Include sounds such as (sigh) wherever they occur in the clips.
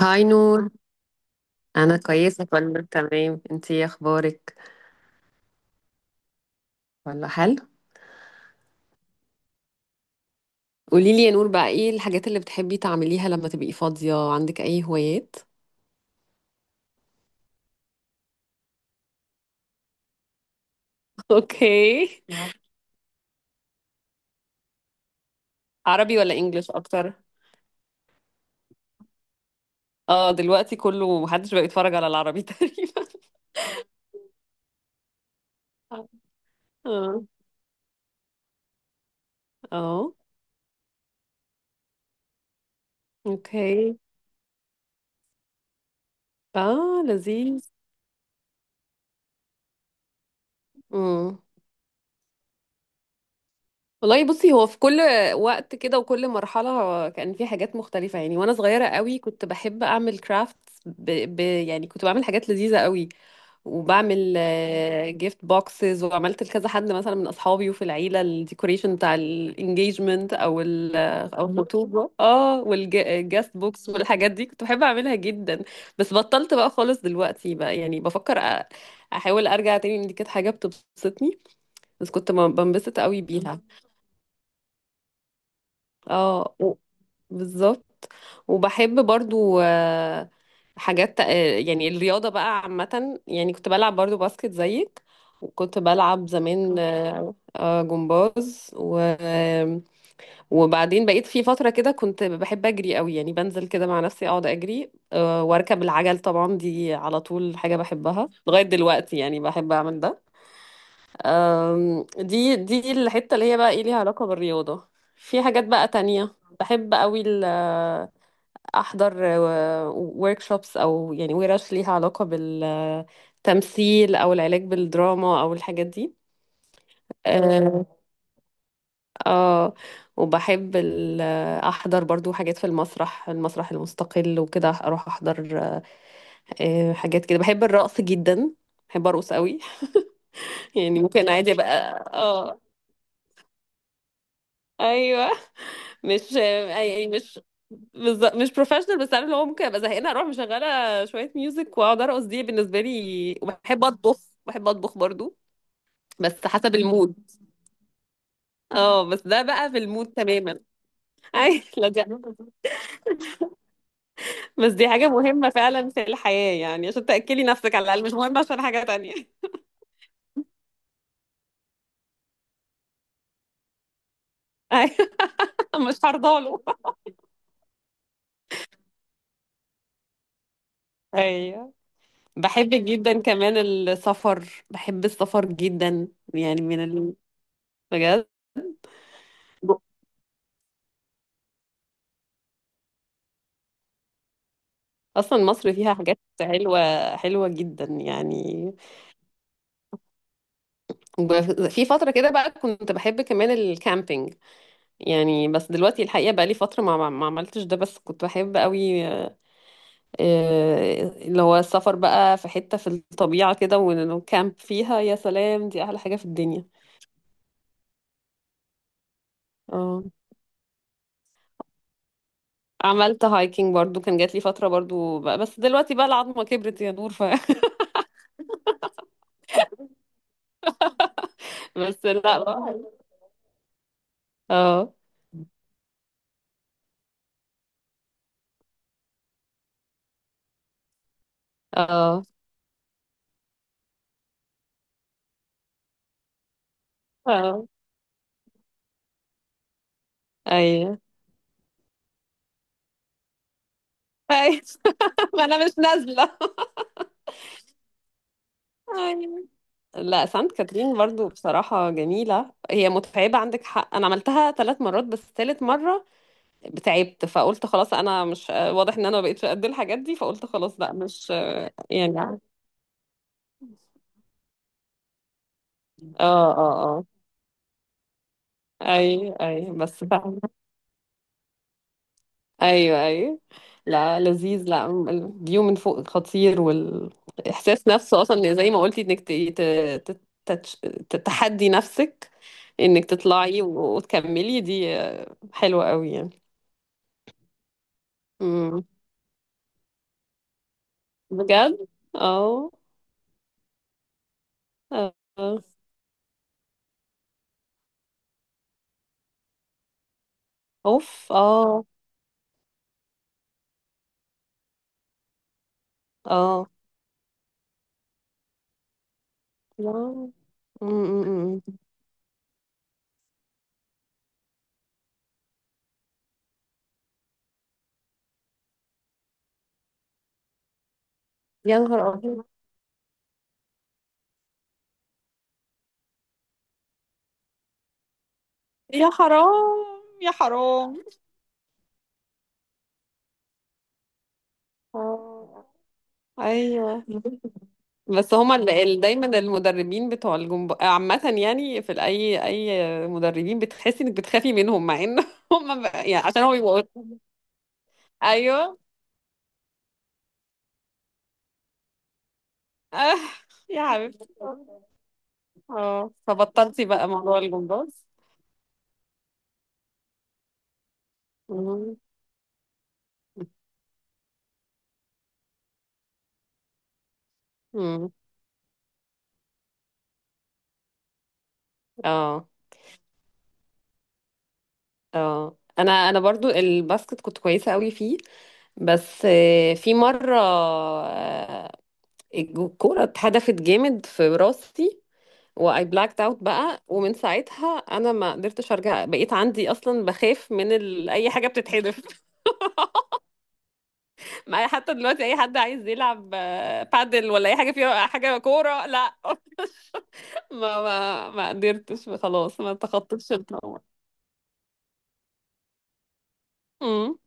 هاي نور. انا كويسه، كله تمام. انتي ايه اخبارك؟ ولا، حلو. قولي لي يا نور بقى، ايه الحاجات اللي بتحبي تعمليها لما تبقي فاضيه؟ عندك اي هوايات؟ (laughs) اوكي. عربي ولا انجليش اكتر؟ اه، دلوقتي كله محدش بقى يتفرج على العربي تقريبا. (laughs) اه، اه، اوكي. اه لذيذ. والله بصي، هو في كل وقت كده وكل مرحلة كان في حاجات مختلفة يعني. وأنا صغيرة قوي كنت بحب أعمل كرافت. يعني كنت بعمل حاجات لذيذة قوي، وبعمل جيفت بوكسز، وعملت لكذا حد مثلا من أصحابي وفي العيلة، الديكوريشن بتاع الانجيجمنت، أو الخطوبة، اه، والجاست بوكس والحاجات دي كنت بحب أعملها جدا. بس بطلت بقى خالص دلوقتي. بقى يعني بفكر أحاول أرجع تاني، لأن دي كانت حاجة بتبسطني. بس كنت بنبسط قوي بيها. اه و- بالظبط. وبحب برضو حاجات، يعني الرياضة بقى عامة، يعني كنت بلعب برضو باسكت زيك. وكنت بلعب زمان جمباز وبعدين بقيت في فترة كده كنت بحب أجري قوي، يعني بنزل كده مع نفسي أقعد أجري، وأركب العجل. طبعا دي على طول حاجة بحبها لغاية دلوقتي، يعني بحب أعمل ده. دي الحتة اللي هي بقى ايه، ليها علاقة بالرياضة. في حاجات بقى تانية بحب قوي احضر workshops، او يعني ورش ليها علاقة بالتمثيل او العلاج بالدراما او الحاجات دي. اه. آه، وبحب احضر برضو حاجات في المسرح، المستقل، وكده اروح احضر حاجات كده. بحب الرقص جدا، بحب ارقص قوي. (laughs) يعني ممكن عادي بقى، اه. ايوه. مش يعني، مش بروفيشنال، بس عارف اللي هو، ممكن ابقى زهقانه اروح مشغله شويه ميوزك واقعد ارقص. دي بالنسبه لي. وبحب اطبخ. بحب اطبخ برضو. بس حسب المود. اه بس ده بقى في المود تماما. (laughs) اي، لا دي (laughs) بس دي حاجه مهمه فعلا في الحياه، يعني عشان تاكلي نفسك على الاقل، مش مهمه عشان حاجه تانية. ايوه. (laughs) مش هرضاله. ايوه. (laughs) بحب جدا كمان السفر، بحب السفر جدا. يعني من ال... بجد. اصلا مصر فيها حاجات حلوه، حلوه جدا يعني. ب- في فتره كده بقى كنت بحب كمان الكامبينج، يعني بس دلوقتي الحقيقه بقى لي فتره ما عملتش ده، بس كنت بحب قوي. اللي هو السفر بقى في حته في الطبيعه كده والكامب فيها، يا سلام، دي احلى حاجه في الدنيا. اه، عملت هايكنج برضو، كان جات لي فتره برضو بقى، بس دلوقتي بقى العظمه كبرت يا نور، (laughs) بس لا. اه، اه، اه، ايوه، ايوه. (laughs) ما انا مش نازله. أيوة. لا سانت كاترين برضو بصراحة جميلة، هي متعبة عندك حق. أنا عملتها ثلاث مرات، بس ثالث مرة تعبت، فقلت خلاص أنا مش، واضح إن أنا ما بقتش قد الحاجات دي، فقلت خلاص لا مش يعني. (laughs) اه، اه، اه، أي، أي، بس فاهمة. أيوه، أيوه. لا، لذيذ. لا الفيو من فوق خطير، والإحساس نفسه أصلا زي ما قلتي إنك ت- تتش- تتحدي نفسك، إنك تطلعي وتكملي، دي حلوة قوي يعني. بجد. اه، اه. اوف، اه، اه. يا م- م- م. يا نهار ابيض. يا حرام، يا حرام. اه، ايوه. بس هما دايما المدربين بتوع الجمباز عامة يعني، في اي مدربين بتحسي انك بتخافي منهم، مع ان (laughs) هما يعني عشان هو بيبقوا. ايوه. (laughs) آه، يا حبيبتي. اه، فبطلتي بقى موضوع الجمباز؟ مم. مم. اه، اه، انا برضو الباسكت كنت كويسه قوي فيه. بس في مره، الكوره اتهدفت جامد في راسي، واي بلاكت اوت بقى. ومن ساعتها انا ما قدرتش ارجع، بقيت عندي اصلا بخاف من اي حاجه بتتحدف. (laughs) معايا حتى دلوقتي، اي حد عايز يلعب بادل ولا اي حاجه فيها حاجه كوره، لا. (laughs) ما قدرتش خلاص، ما تخطيتش الطاوله. امم (laughs)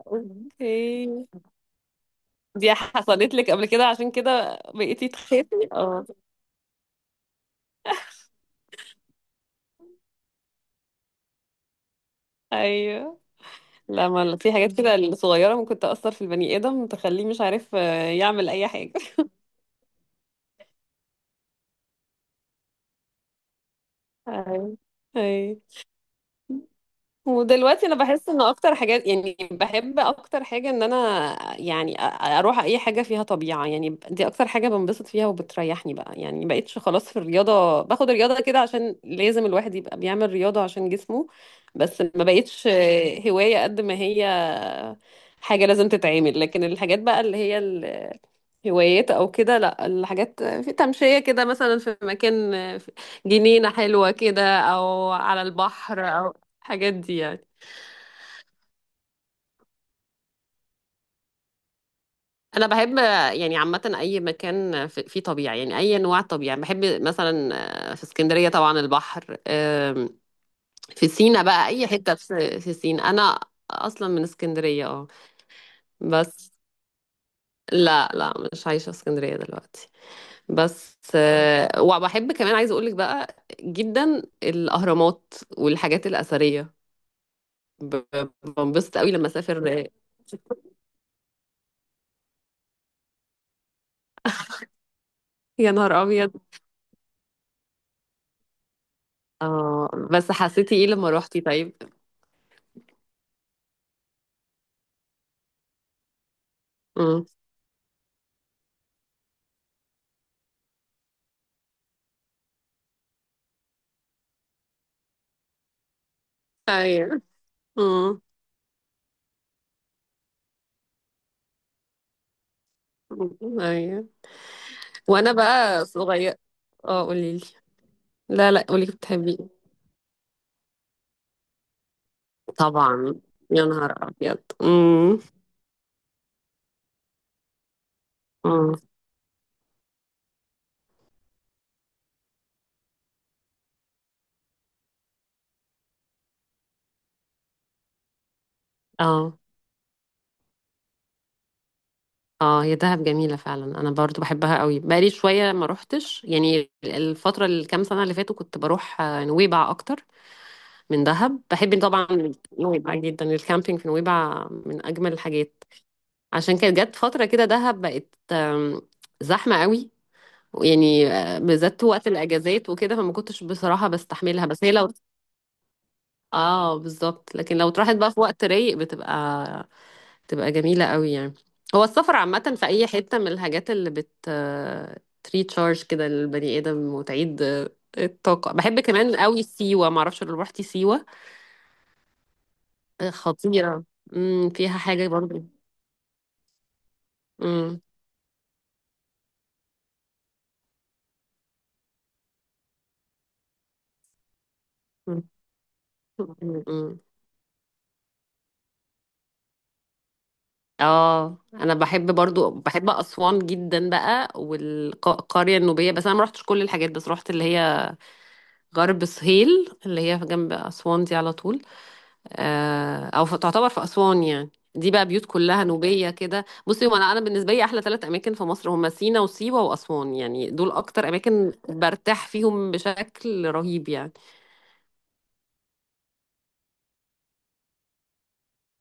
اوكي. دي حصلت لك قبل كده عشان كده بقيتي تخافي؟ (laughs) اه. ايوه. لا، ما في حاجات كده الصغيره ممكن تاثر في البني ادم، تخليه مش عارف يعمل اي حاجه. ايوه، ايوه. ودلوقتي انا بحس ان اكتر حاجات، يعني بحب اكتر حاجه ان انا يعني اروح اي حاجه فيها طبيعه، يعني دي اكتر حاجه بنبسط فيها وبتريحني بقى. يعني مبقتش خلاص في الرياضه، باخد الرياضه كده عشان لازم الواحد يبقى بيعمل رياضه عشان جسمه. بس ما بقتش هوايه قد ما هي حاجة لازم تتعمل. لكن الحاجات بقى اللي هي الهوايات أو كده، لأ، الحاجات في تمشية كده مثلا في مكان، في جنينة حلوة كده أو على البحر أو الحاجات دي يعني. أنا بحب، يعني عامة أي مكان فيه طبيعة، يعني أي أنواع طبيعة بحب، مثلا في اسكندرية طبعا البحر، في سينا بقى، أي حتة في سينا. أنا أصلا من اسكندرية، اه. بس لا، لا مش عايشة في اسكندرية دلوقتي. بس وبحب كمان عايزه اقولك بقى جدا الاهرامات والحاجات الاثريه. ب- بنبسط قوي لما اسافر. يا نهار ابيض. اه، بس حسيتي ايه لما روحتي؟ طيب. امم، ايوه. امم، ايوه. وانا بقى صغير. اه، قولي لي. لا، لا قولي لي، بتحبي؟ طبعا. يا نهار ابيض. امم، امم. اه، اه، هي دهب جميلة فعلا، انا برضو بحبها قوي، بقالي شوية ما روحتش يعني الفترة الكام سنة اللي فاتوا. كنت بروح نويبع اكتر من دهب، بحب طبعا. نويبع جدا، الكامبينج في نويبع من اجمل الحاجات. عشان كانت جت فترة كده دهب بقت زحمة قوي. يعني بالذات وقت الاجازات وكده، فما كنتش بصراحة بستحملها. بس هي لو، اه بالظبط. لكن لو اتراحت بقى في وقت رايق، بتبقى جميلة قوي يعني. هو السفر عامة في أي حتة، من الحاجات اللي تريتشارج كده للبني آدم وتعيد الطاقة. بحب كمان قوي سيوة، معرفش لو روحتي سيوة. خطيرة. امم، فيها حاجة برضو. امم. امم. امم. امم. اه، انا بحب برضو، بحب اسوان جدا بقى، والقريه النوبيه، بس انا ما رحتش كل الحاجات، بس رحت اللي هي غرب سهيل اللي هي جنب اسوان دي على طول، او تعتبر في اسوان يعني، دي بقى بيوت كلها نوبيه كده. بصي هو، انا بالنسبه لي احلى ثلاث اماكن في مصر هما سينا وسيوه واسوان، يعني دول اكتر اماكن برتاح فيهم بشكل رهيب يعني.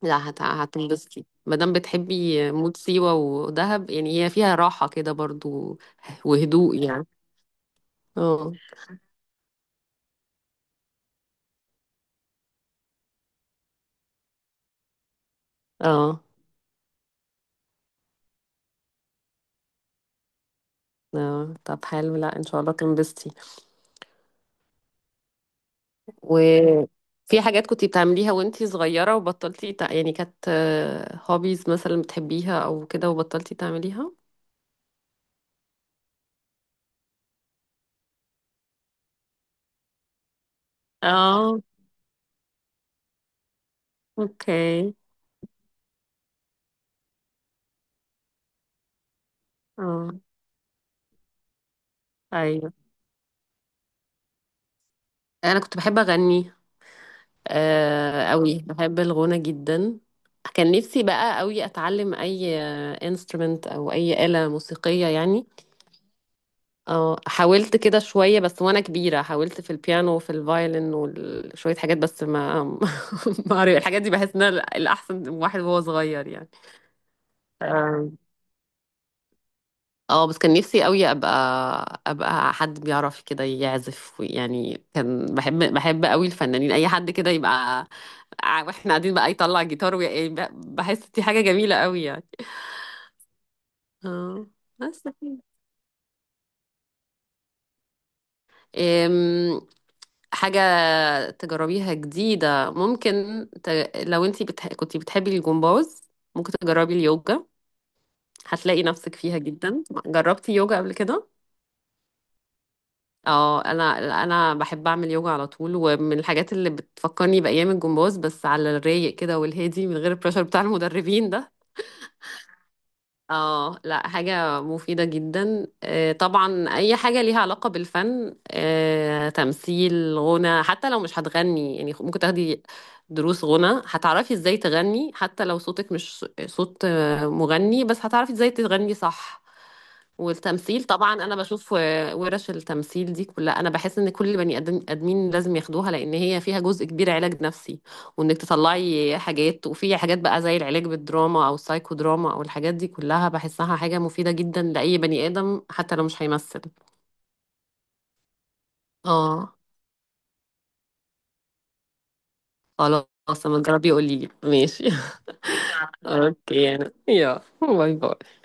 لا هتنبسطي ما دام بتحبي مود سيوه ودهب، يعني هي فيها راحه كده برضو، وهدوء يعني. اه، اه. آه. طب حلو، لا ان شاء الله تنبسطي. وفي حاجات كنتي بتعمليها وانتي صغيرة وبطلتي يعني كانت هوبيز مثلا بتحبيها او كده وبطلتي تعمليها؟ اه، اوكي. اه، ايوه، انا كنت بحب اغني قوي، بحب الغنى جدا. كان نفسي بقى قوي اتعلم اي انسترومنت او اي آلة موسيقية يعني. اه، حاولت كده شوية، بس وانا كبيرة حاولت في البيانو وفي الفايلن وشوية حاجات بس ما. (laughs) ما عرف- الحاجات دي بحس انها الاحسن واحد وهو صغير يعني. اه، بس كان نفسي قوي ابقى حد بيعرف كده يعزف يعني. كان بحب قوي الفنانين، اي حد كده يبقى، واحنا قاعدين بقى يطلع جيتار بحس دي حاجة جميلة قوي يعني. اه، بس حاجة تجربيها جديدة ممكن ت... لو انتي كنتي بتحبي الجمباز، ممكن تجربي اليوجا، هتلاقي نفسك فيها جدا. جربتي يوجا قبل كده؟ اه، انا بحب اعمل يوجا على طول، ومن الحاجات اللي بتفكرني بايام الجمباز، بس على الرايق كده والهادي من غير البريشر بتاع المدربين ده. اه، لا حاجة مفيدة جدا. طبعا أي حاجة ليها علاقة بالفن، تمثيل، غنى، حتى لو مش هتغني يعني ممكن تاخدي دروس غنى، هتعرفي ازاي تغني، حتى لو صوتك مش صوت مغني، بس هتعرفي ازاي تغني صح. والتمثيل طبعا، انا بشوف ورش التمثيل دي كلها، انا بحس ان كل ادمين لازم ياخدوها، لان هي فيها جزء كبير علاج نفسي، وانك تطلعي حاجات. وفي حاجات بقى زي العلاج بالدراما او السايكو دراما او الحاجات دي كلها، بحسها حاجة مفيدة جدا لاي بني ادم حتى لو مش هيمثل. اه، خلاص لما تجربي قولي لي، ماشي؟ (laughs) اوكي باي باي.